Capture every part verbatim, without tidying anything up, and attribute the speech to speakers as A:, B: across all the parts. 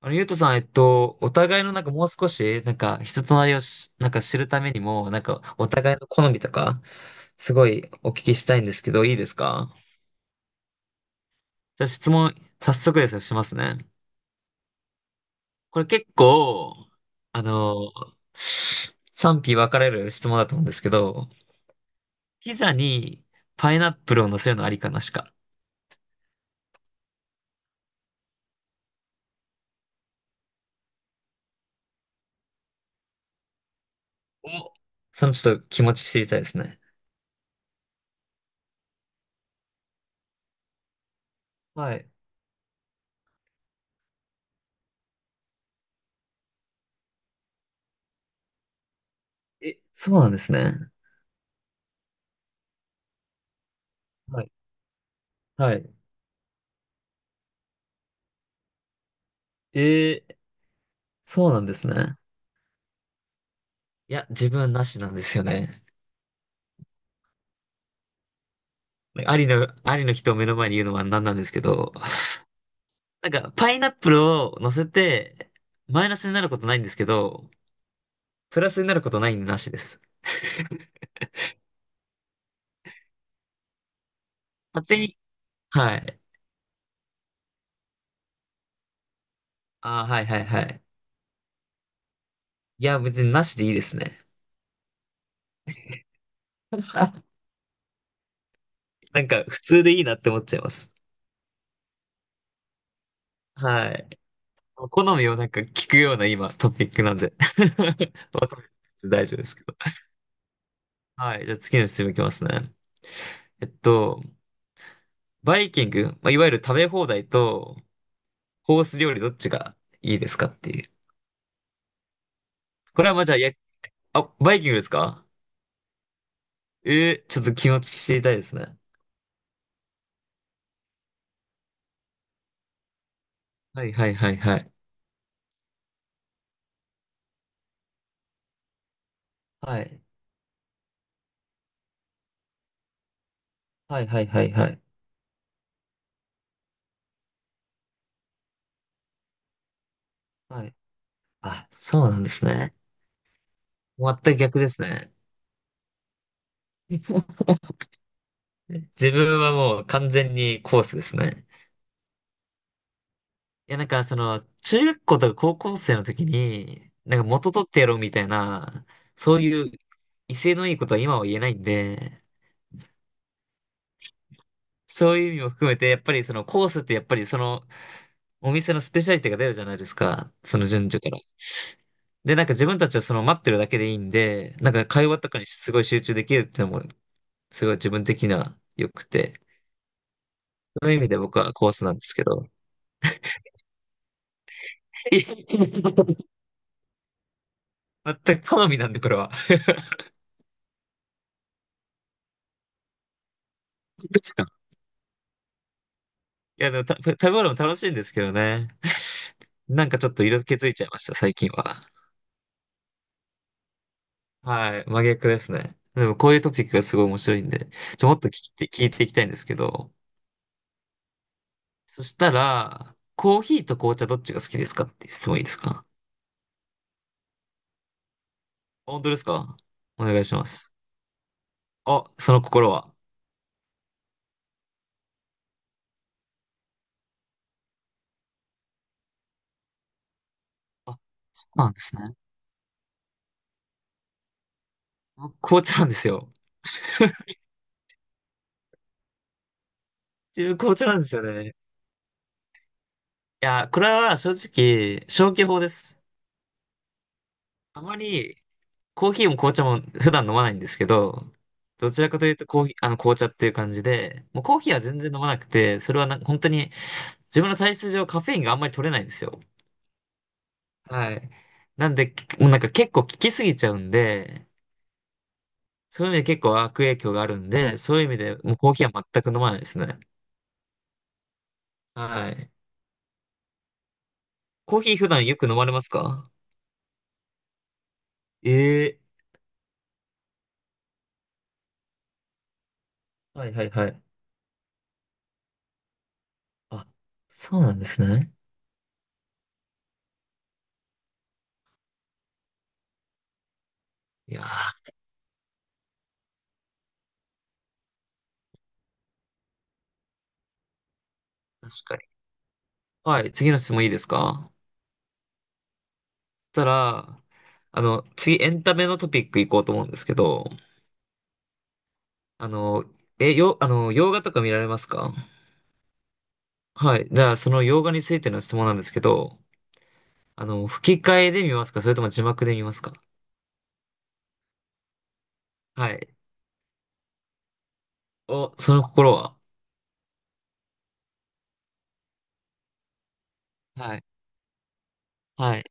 A: あの、ゆうとさん、えっと、お互いのなんかもう少し、なんか人となりをし、なんか知るためにも、なんかお互いの好みとか、すごいお聞きしたいんですけど、いいですか？じゃあ質問、早速ですよ、しますね。これ結構、あの、賛否分かれる質問だと思うんですけど、ピザにパイナップルを乗せるのありかなしか。お、そのちょっと気持ち知りたいですね。はい。え、そうなんですね。はい。はい。えー、そうなんですね。いや、自分はなしなんですよね。ありの、ありの人を目の前に言うのは何なんですけど、なんか、パイナップルを乗せて、マイナスになることないんですけど、プラスになることないんでなしです。勝手に、はい。ああ、はいはいはい。いや、別になしでいいですね。なんか、普通でいいなって思っちゃいます。はい。好みをなんか聞くような今、トピックなんで。わかんないです、大丈夫ですけど。はい。じゃあ次の質問いきますね。えっと、バイキング、まあ、いわゆる食べ放題と、コース料理どっちがいいですかっていう。これはまあじゃあ、や、あ、バイキングですか？えー、ちょっと気持ち知りたいですね。はいはいはいはい。はい。はいはいはいはい。はい。あ、そうなんですね。全く逆ですね。自分はもう完全にコースですね。いや、なんかその、中学校とか高校生の時に、なんか元取ってやろうみたいな、そういう威勢のいいことは今は言えないんで、そういう意味も含めて、やっぱりそのコースってやっぱりその、お店のスペシャリティが出るじゃないですか。その順序から。で、なんか自分たちはその待ってるだけでいいんで、なんか会話とかにすごい集中できるっていうのも、すごい自分的には良くて。そういう意味で僕はコースなんですけど。いや全く好みなんで、これは。ですか？いや、でもた食べ物も楽しいんですけどね。なんかちょっと色気づいちゃいました、最近は。はい、真逆ですね。でもこういうトピックがすごい面白いんで、ちょ、もっと聞いて、聞いていきたいんですけど。そしたら、コーヒーと紅茶どっちが好きですかっていう質問いいですか？本当ですか？お願いします。あ、その心は。あ、そうなんですね。僕紅茶なんですよ。自分紅茶なんですよね。いや、これは正直、消去法です。あまり、コーヒーも紅茶も普段飲まないんですけど、どちらかというとコーヒー、あの紅茶っていう感じで、もうコーヒーは全然飲まなくて、それはなんか本当に自分の体質上カフェインがあんまり取れないんですよ。はい。なんで、もうなんか結構効きすぎちゃうんで、そういう意味で結構悪影響があるんで、そういう意味でもうコーヒーは全く飲まないですね。はい。コーヒー普段よく飲まれますか？ええ、はいはいはい。あ、そうなんですね。いやー、確かに。はい、次の質問いいですか？そしたら、あの、次エンタメのトピック行こうと思うんですけど、あの、え、よ、あの、洋画とか見られますか？はい。じゃあ、その洋画についての質問なんですけど、あの、吹き替えで見ますか？それとも字幕で見ますか？はい。お、その心は？はい。はい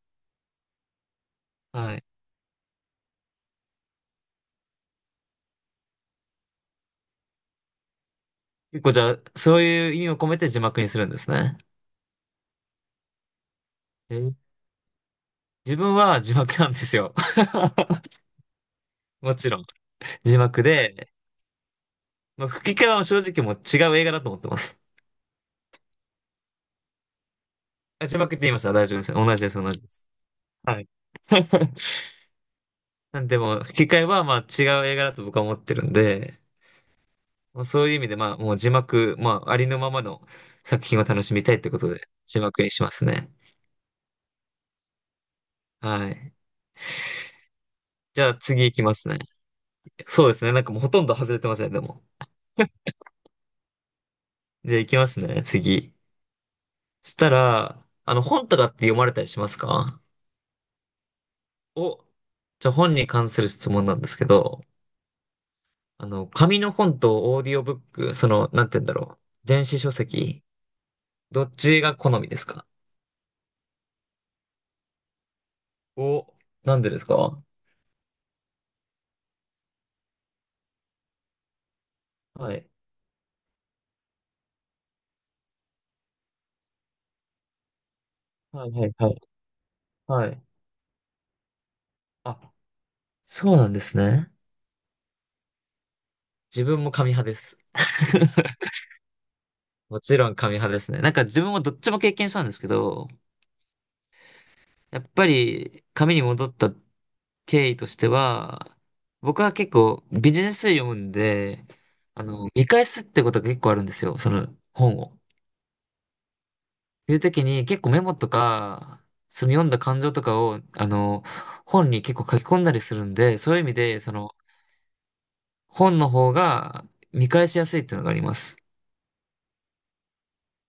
A: はい。結構じゃあ、そういう意味を込めて字幕にするんですね。えー自分は字幕なんですよ。もちろん。字幕で、まあ、吹き替えは正直もう違う映画だと思ってます。あ、字幕って言いました、大丈夫です。同じです、同じです。はい。なんでも、吹き替えはまあ違う映画だと僕は思ってるんで、まあ、そういう意味でまあもう字幕、まあありのままの作品を楽しみたいってことで字幕にしますね。はい。じゃあ次行きますね。そうですね。なんかもうほとんど外れてますね、でも。じゃあ行きますね、次。したら、あの、本とかって読まれたりしますか？お、じゃあ本に関する質問なんですけど、あの、紙の本とオーディオブック、その、なんて言うんだろう。電子書籍、どっちが好みですか？お、なんでですか？はい。はいはいはい。はい。あ、そうなんですね。自分も紙派です。もちろん紙派ですね。なんか自分もどっちも経験したんですけど、やっぱり紙に戻った経緯としては、僕は結構ビジネス書読むんで、あの、見返すってことが結構あるんですよ、その本を。っていう時に結構メモとか、その読んだ感情とかを、あの、本に結構書き込んだりするんで、そういう意味で、その、本の方が見返しやすいっていうのがあります。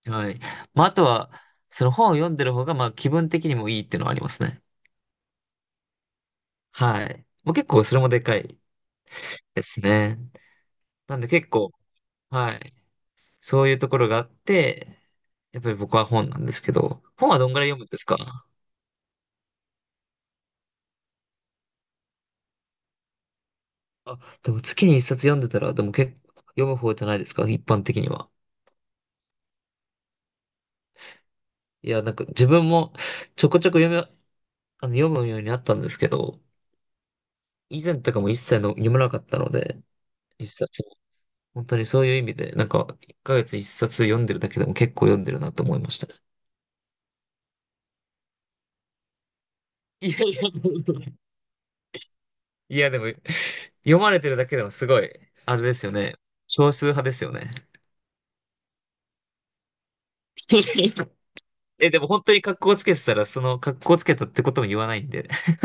A: はい。まあ、あとは、その本を読んでる方が、まあ、気分的にもいいっていうのはありますね。はい。もう結構それもでかいですね。なんで結構、はい。そういうところがあって、やっぱり僕は本なんですけど、本はどんぐらい読むんですか？あ、でも月に一冊読んでたら、でも結構読む方じゃないですか、一般的には。いや、なんか自分もちょこちょこ読む、あの、読むようになったんですけど、以前とかも一切の読まなかったので、一冊も。本当にそういう意味で、なんか、いっかげつ一冊読んでるだけでも結構読んでるなと思いましたね。いやいや、いやでも、読まれてるだけでもすごい、あれですよね。少数派ですよね。え、でも本当に格好つけてたら、その格好つけたってことも言わないんで。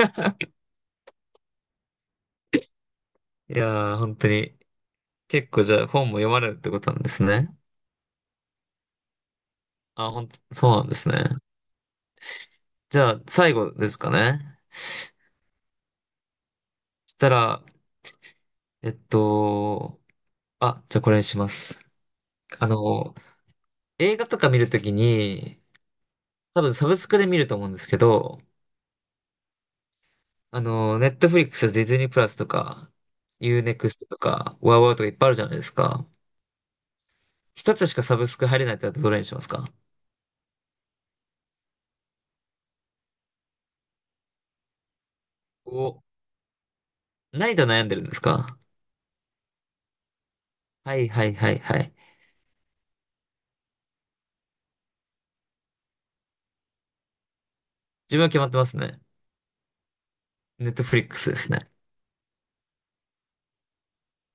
A: いやー、本当に。結構じゃあ本も読まれるってことなんですね。あ、本当、そうなんですね。じゃあ最後ですかね。したら、えっと、あ、じゃあこれにします。あの、映画とか見るときに、多分サブスクで見ると思うんですけど、あの、ネットフリックス、ディズニープラスとか、ユーネクストとか、ワウワウとかいっぱいあるじゃないですか。一つしかサブスク入れないってなったらどれにしますか？お、何と悩んでるんですか？はいはいはいはい。自分は決まってますね。ネットフリックスですね。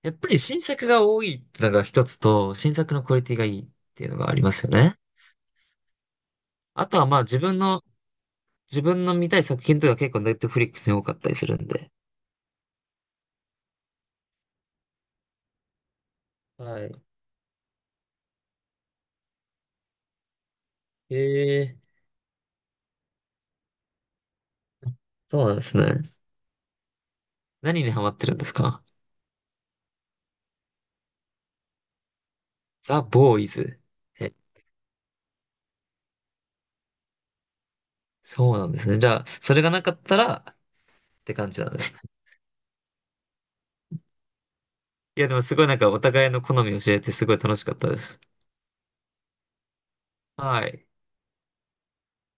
A: やっぱり新作が多いってのが一つと、新作のクオリティがいいっていうのがありますよね。あとはまあ自分の、自分の見たい作品とか結構ネットフリックスに多かったりするんで。はい。へえ、そうなんですね。何にハマってるんですか？ザ・ボーイズ。え、そうなんですね。じゃあ、それがなかったらって感じなんですね。いや、でもすごいなんかお互いの好みを教えてすごい楽しかったです。はい。